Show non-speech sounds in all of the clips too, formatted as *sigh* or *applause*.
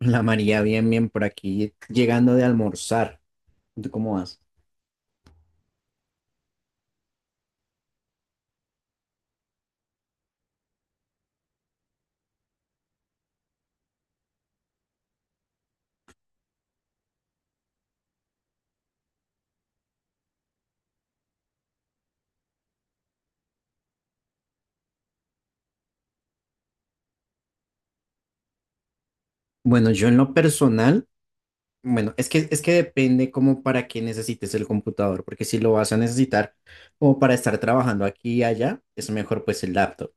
La María, bien, bien, por aquí, llegando de almorzar. ¿Tú cómo vas? Bueno, yo en lo personal, es que depende como para qué necesites el computador, porque si lo vas a necesitar como para estar trabajando aquí y allá, es mejor pues el laptop.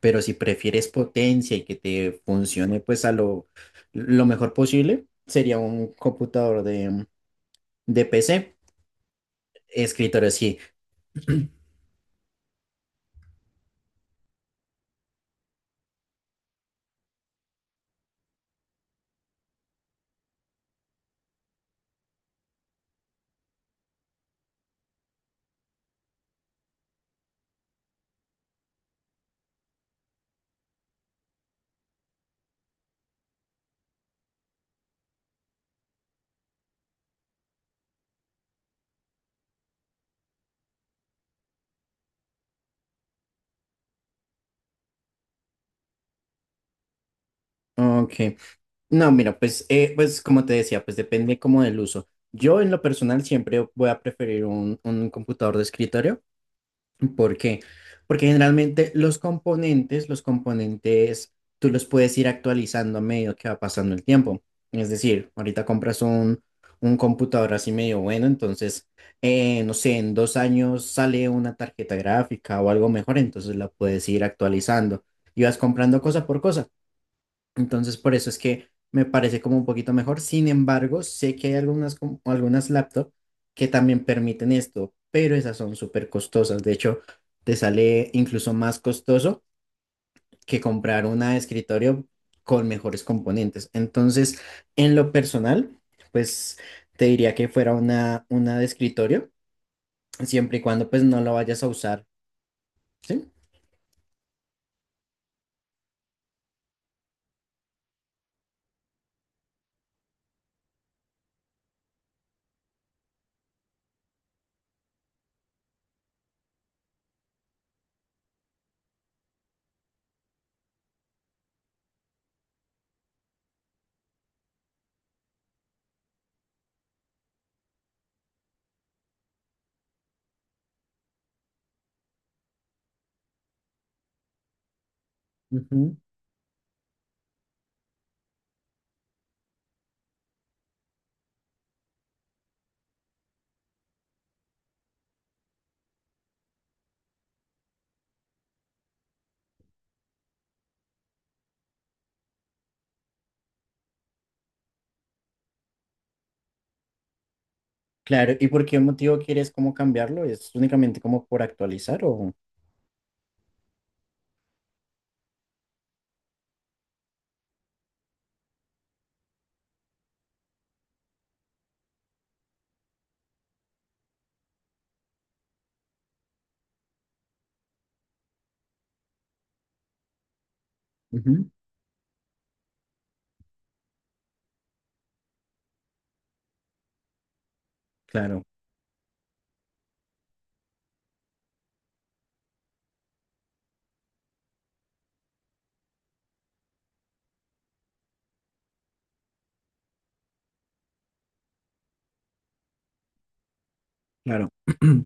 Pero si prefieres potencia y que te funcione pues a lo mejor posible, sería un computador de PC, escritorio, sí. Ok. No, mira, pues, pues como te decía, pues depende como del uso. Yo en lo personal siempre voy a preferir un computador de escritorio. ¿Por qué? Porque generalmente los componentes, tú los puedes ir actualizando a medida que va pasando el tiempo. Es decir, ahorita compras un computador así medio bueno, entonces, no sé, en dos años sale una tarjeta gráfica o algo mejor, entonces la puedes ir actualizando y vas comprando cosa por cosa. Entonces, por eso es que me parece como un poquito mejor. Sin embargo, sé que hay algunas, algunas laptops que también permiten esto, pero esas son súper costosas. De hecho, te sale incluso más costoso que comprar una de escritorio con mejores componentes. Entonces, en lo personal, pues te diría que fuera una de escritorio, siempre y cuando pues no lo vayas a usar, ¿sí? Ujú. Claro, ¿y por qué motivo quieres como cambiarlo? ¿Es únicamente como por actualizar o...? Ujú. Claro, claro. *clears throat*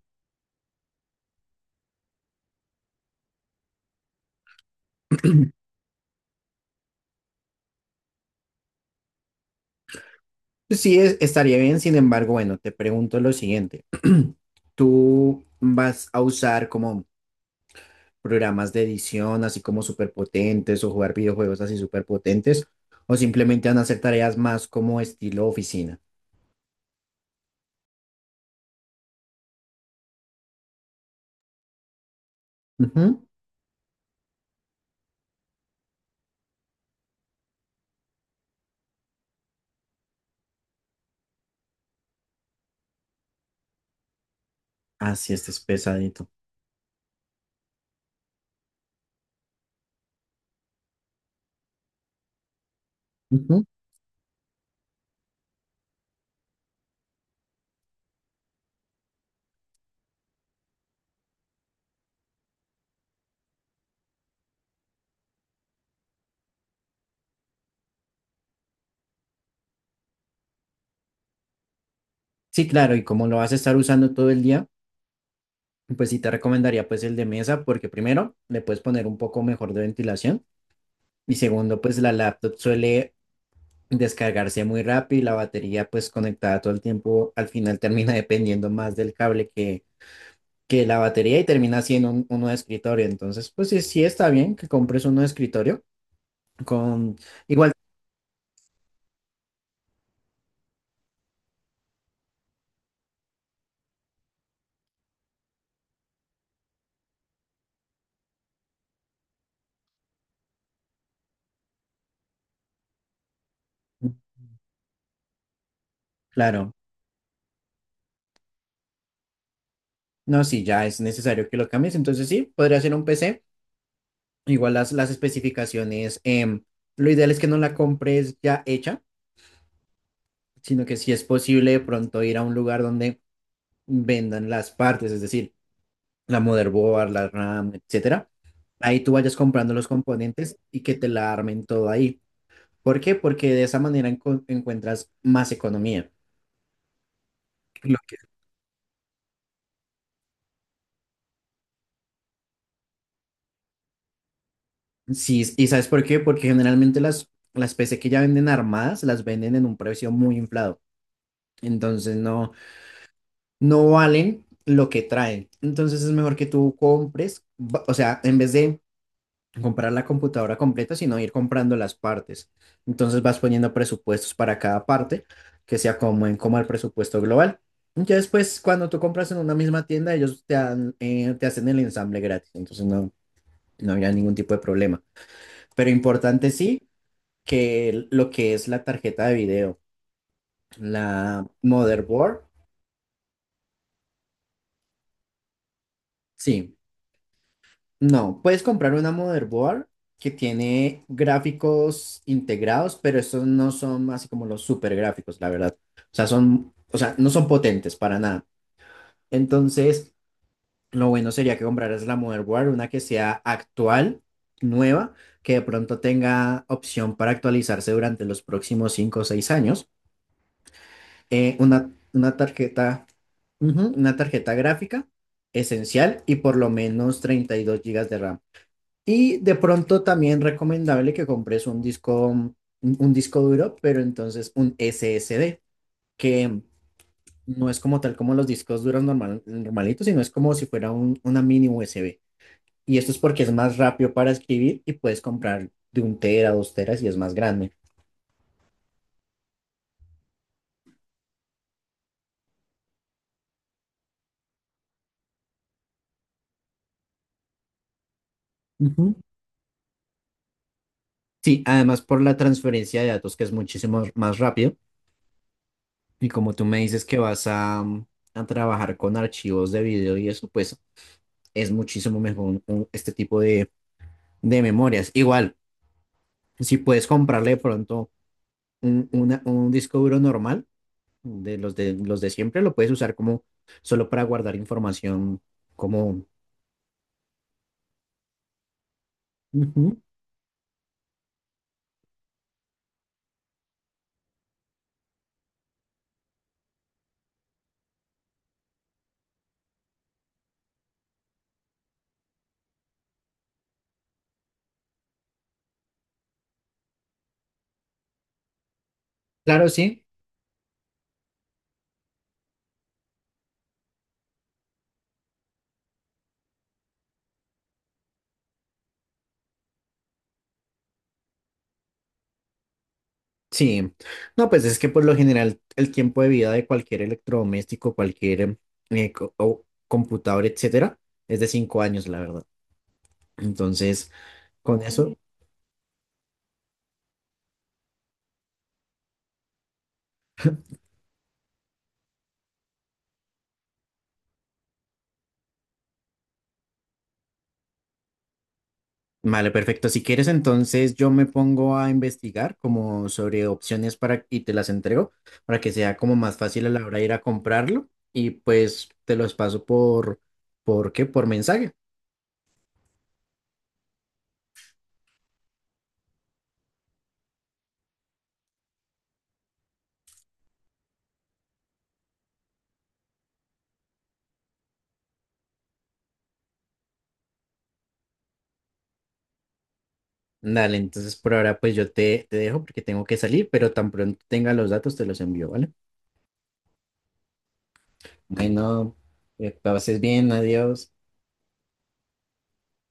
Sí, estaría bien, sin embargo, bueno, te pregunto lo siguiente. *clears throat* ¿Tú vas a usar como programas de edición así como superpotentes o jugar videojuegos así superpotentes o simplemente van a hacer tareas más como estilo oficina? Ujú. Así este es pesadito. Ujú. Sí, claro, y como lo vas a estar usando todo el día, pues sí te recomendaría pues el de mesa porque primero le puedes poner un poco mejor de ventilación y segundo pues la laptop suele descargarse muy rápido y la batería pues conectada todo el tiempo al final termina *laughs* dependiendo más del cable que la batería y termina siendo uno de escritorio. Entonces pues sí, sí está bien que compres uno de escritorio con igual, claro, no, si ya es necesario que lo cambies, entonces sí, podría ser un PC. Igual las especificaciones, lo ideal es que no la compres ya hecha, sino que si es posible de pronto ir a un lugar donde vendan las partes, es decir, la motherboard, la RAM, etcétera. Ahí tú vayas comprando los componentes y que te la armen todo ahí. ¿Por qué? Porque de esa manera encuentras más economía. Lo que- Sí, ¿y sabes por qué? Porque generalmente las PC que ya venden armadas las venden en un precio muy inflado. Entonces no, no valen lo que traen. Entonces es mejor que tú compres, o sea, en vez de comprar la computadora completa, sino ir comprando las partes. Entonces vas poniendo presupuestos para cada parte que se acomoden como el presupuesto global. Ya después, cuando tú compras en una misma tienda, ellos te hacen el ensamble gratis. Entonces no, no había ningún tipo de problema. Pero importante sí que lo que es la tarjeta de video, la motherboard, sí. No, puedes comprar una motherboard que tiene gráficos integrados, pero estos no son así como los super gráficos, la verdad. O sea, son, no son potentes para nada. Entonces, lo bueno sería que compraras la motherboard, una que sea actual, nueva, que de pronto tenga opción para actualizarse durante los próximos 5 o 6 años. Una una tarjeta, ujú, una tarjeta gráfica esencial y por lo menos 32 gigas de RAM. Y de pronto también recomendable que compres un disco, un disco duro, pero entonces un SSD, que no es como tal como los discos duros normalitos, sino es como si fuera una mini USB. Y esto es porque es más rápido para escribir y puedes comprar de un tera, dos teras y es más grande. Ujú. Sí, además por la transferencia de datos que es muchísimo más rápido. Y como tú me dices que vas a, a trabajar con archivos de video y eso, pues es muchísimo mejor este tipo de memorias. Igual, si puedes comprarle de pronto un, un disco duro normal, de los de los de siempre, lo puedes usar como solo para guardar información como... Ujú. Claro, sí. Sí. No, pues es que por lo general el tiempo de vida de cualquier electrodoméstico, cualquier co- o computador, etcétera, es de 5 años, la verdad. Entonces, con eso, vale, perfecto. Si quieres, entonces yo me pongo a investigar como sobre opciones para y te las entrego para que sea como más fácil a la hora de ir a comprarlo y pues te los paso ¿por qué? Por mensaje. Dale, entonces por ahora pues yo te dejo porque tengo que salir, pero tan pronto tenga los datos te los envío, ¿vale? Bueno, pases bien, adiós.